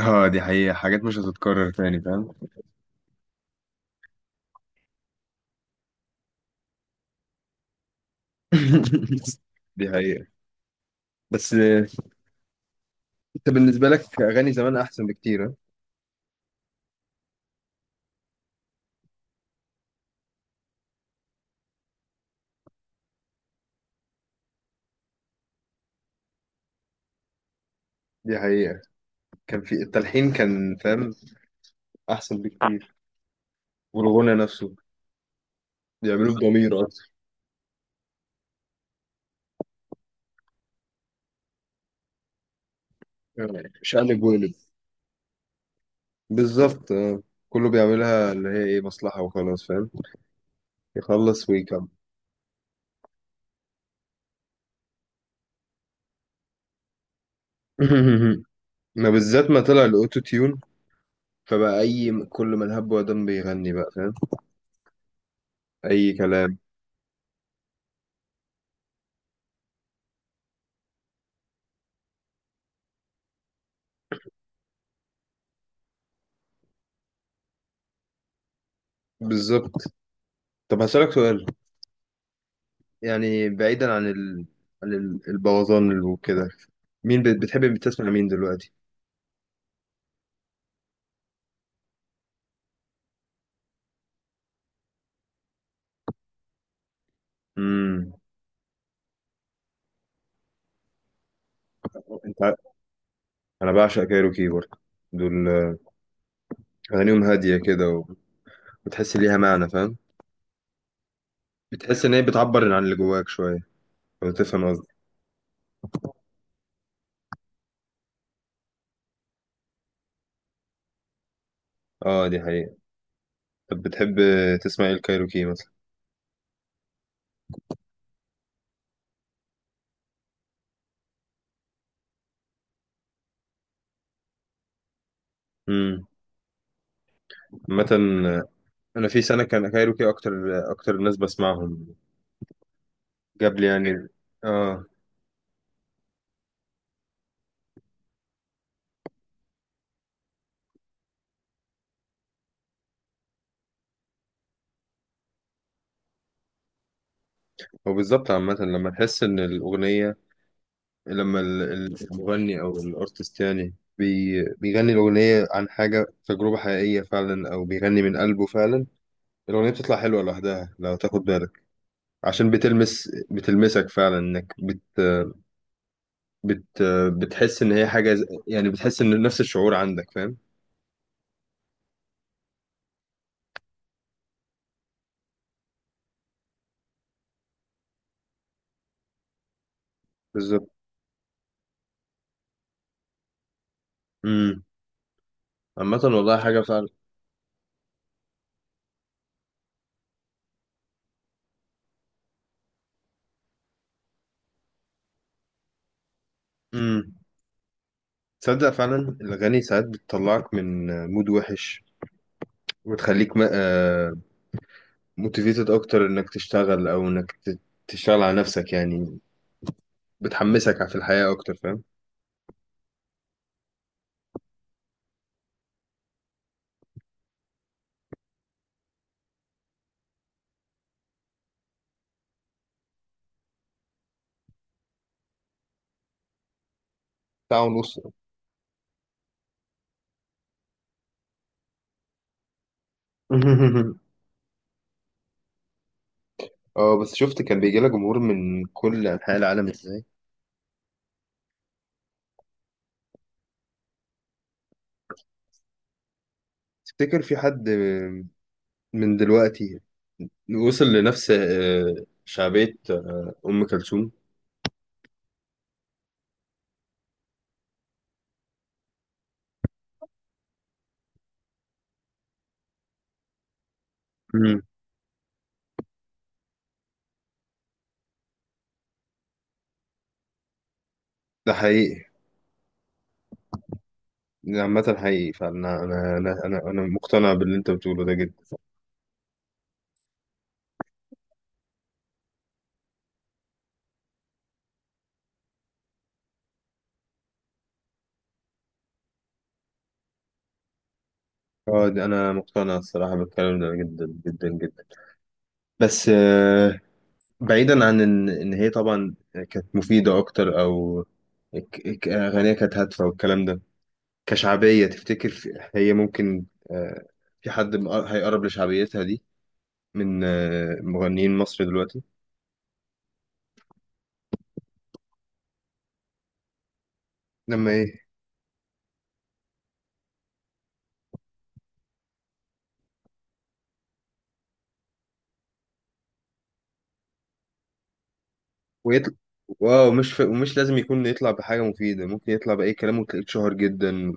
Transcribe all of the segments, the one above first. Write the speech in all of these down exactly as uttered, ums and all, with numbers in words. اه، دي حقيقة. حاجات مش هتتكرر تاني، فاهم؟ دي حقيقة. بس آه، انت بالنسبة لك اغاني زمان احسن بكتير، ها؟ دي حقيقة. كان في التلحين، كان فاهم. احسن بكتير. والغنى نفسه بيعملوه بضمير اكتر. يعني شقلب وقلب. بالظبط، اه. كله بيعملها اللي هي ايه، مصلحة وخلاص، فاهم. يخلص ويكمل. ما بالذات ما طلع الاوتو تيون، فبقى اي كل من هب ودم بيغني بقى، فاهم. اي كلام. بالظبط. طب هسألك سؤال. يعني بعيدا عن ال... عن ال- البوظان وكده. مين بت- بتحب بتسمع مين دلوقتي؟ امم. انت ع- انا بعشق كايروكي برضه. دول آه، اغانيهم هاديه كده و- وتحس ليها معنى، فاهم. بتحس ان هي بتعبر عن اللي جواك شويه، لو تفهم قصدي. اه، دي حقيقه. طب بتحب تسمع ايه الكايروكي مثلا؟ امم. عامه آه، انا في سنه كان كايروكي اكتر. اكتر ناس بسمعهم. جاب لي يعني. اه. وبالظبط، عامه لما تحس ان الاغنيه، لما ال- ال- المغني او الارتست يعني بي بيغني الاغنيه عن حاجه، تجربه حقيقيه فعلا او بيغني من قلبه فعلا، الاغنيه بتطلع حلوه لوحدها لو تاخد بالك. عشان بتلمس بتلمسك فعلا، انك بت بت بتحس ان هي حاجه ز- يعني بتحس ان نفس الشعور عندك، فاهم. بالظبط. امم. عامه والله، حاجه فعلا. امم. تصدق فعلا الاغاني ساعات بتطلعك من مود وحش، وتخليك موتيفيتد اكتر انك تشتغل او انك ت- تشتغل على نفسك يعني. بتحمسك في الحياة أكتر، فاهم. ساعة ونص. اه، بس شفت كان بيجي لك جمهور من كل أنحاء العالم ازاي. تفتكر في حد من دلوقتي وصل لنفس آه، شعبية آه، أم كلثوم؟ مم. ده حقيقي. ده عامة حقيقي، فأنا أنا أنا أنا أنا مقتنع باللي أنت بتقوله ده جدا. اه، ده أنا مقتنع الصراحة بالكلام ده جدا جدا جدا. بس آه، بعيدا عن ان ان هي طبعا كانت مفيده اكتر، او ك- ك- اغانيها كانت هادفه والكلام ده، كشعبيه تفتكر في- هي ممكن آه، في حد م- هيقرب لشعبيتها دي من آه، مغنيين مصر دلوقتي؟ لما ايه؟ ويطلع. واو، مش ف... ومش لازم يكون يطلع بحاجه مفيده، ممكن يطلع باي كلام وتلاقيه اتشهر جدا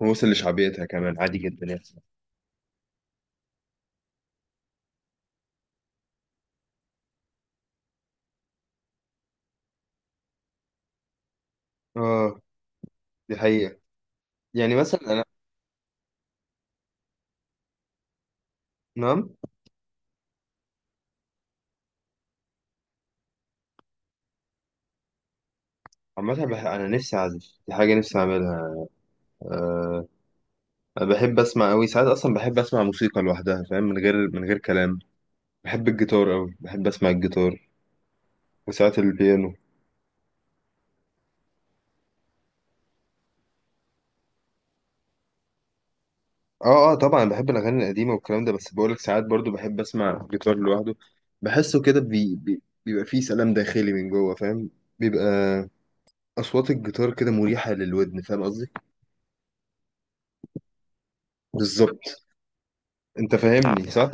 ووصل لشعبيتها كمان عادي جدا يعني. اه، دي حقيقه. يعني مثلا انا. نعم. عامة بح- أنا نفسي أعزف، دي حاجة نفسي أعملها. آه، أنا بحب اسمع قوي، ساعات اصلا بحب اسمع موسيقى لوحدها، فاهم، من غير من غير كلام. بحب الجيتار قوي، بحب اسمع الجيتار وساعات البيانو. اه، اه، طبعا بحب الاغاني القديمه والكلام ده، بس بقولك ساعات برضو بحب اسمع الجيتار لوحده. بحسه كده بي بي بيبقى فيه سلام داخلي من جوه، فاهم. بيبقى اصوات الجيتار كده مريحه للودن، فاهم قصدي. بالظبط. انت فاهمني صح؟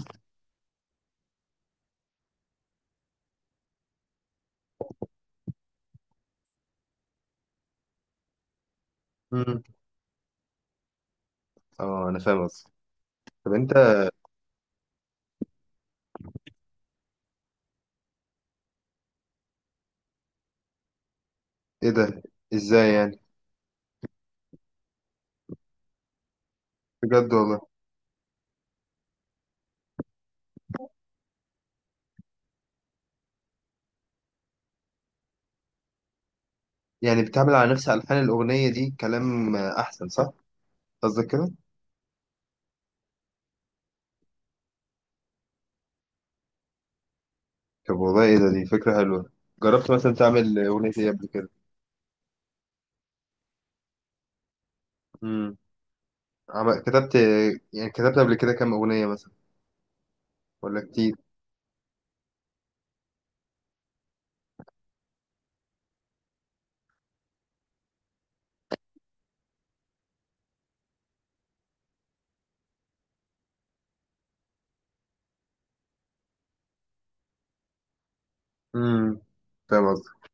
امم. اه، انا فاهم قصدي. طب انت. ايه ده؟ ازاي يعني؟ بجد والله؟ يعني بتعمل على نفس الحان الاغنيه دي كلام آه، احسن، صح؟ قصدك كده؟ طب والله ايه ده، دي فكرة حلوة. جربت مثلا تعمل أغنية ايه قبل كده؟ امم. عم... كتبت. يعني كتبت قبل كده كام أغنية مثلا ولا كتير؟ امم. فاهم قصدك.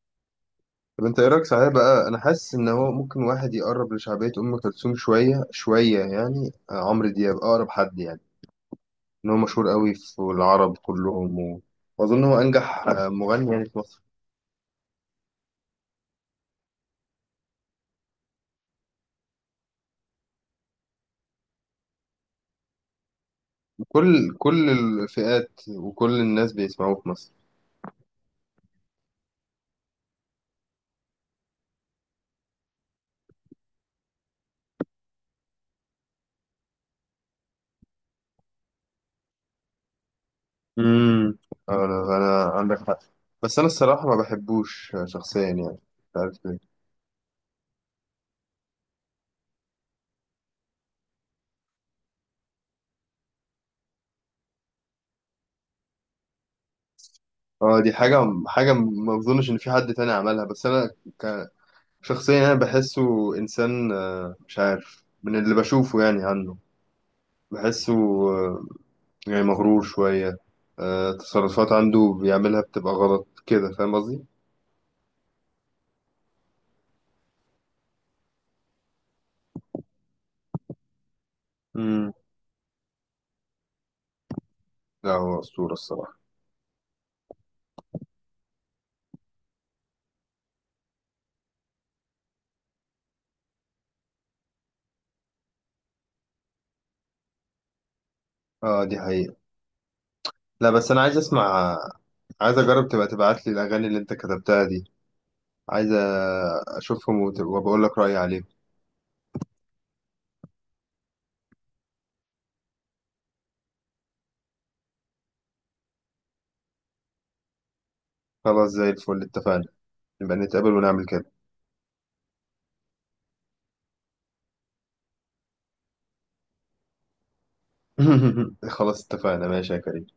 طب انت ايه رأيك؟ صحيح بقى، أنا حاسس إن هو ممكن واحد يقرب لشعبية أم كلثوم شوية شوية، يعني آه، عمرو دياب أقرب حد يعني. إن هو مشهور قوي في العرب كلهم و... وأظن هو أنجح آه، مغني يعني في مصر. كل كل الفئات وكل الناس بيسمعوه في مصر. امم. انا انا عندك حق. بس انا الصراحه ما بحبوش شخصيا، يعني مش عارف ليه. اه، دي حاجه حاجه ما اظنش ان في حد تاني عملها. بس انا ك- شخصيا انا بحسه انسان آه، مش عارف من اللي بشوفه يعني عنه. بحسه آه، يعني مغرور شويه، آه، تصرفات عنده بيعملها بتبقى غلط كده، فاهم قصدي. امم. لا، هو اسطوره الصراحه. اه، دي حقيقه. لا بس انا عايز اسمع. عايز اجرب تبقى تبعت لي الاغاني اللي انت كتبتها دي. عايز اشوفهم وت- وبقول لك رايي عليهم. خلاص، زي الفل، اتفقنا. نبقى نتقابل ونعمل كده. خلاص اتفقنا، ماشي يا كريم.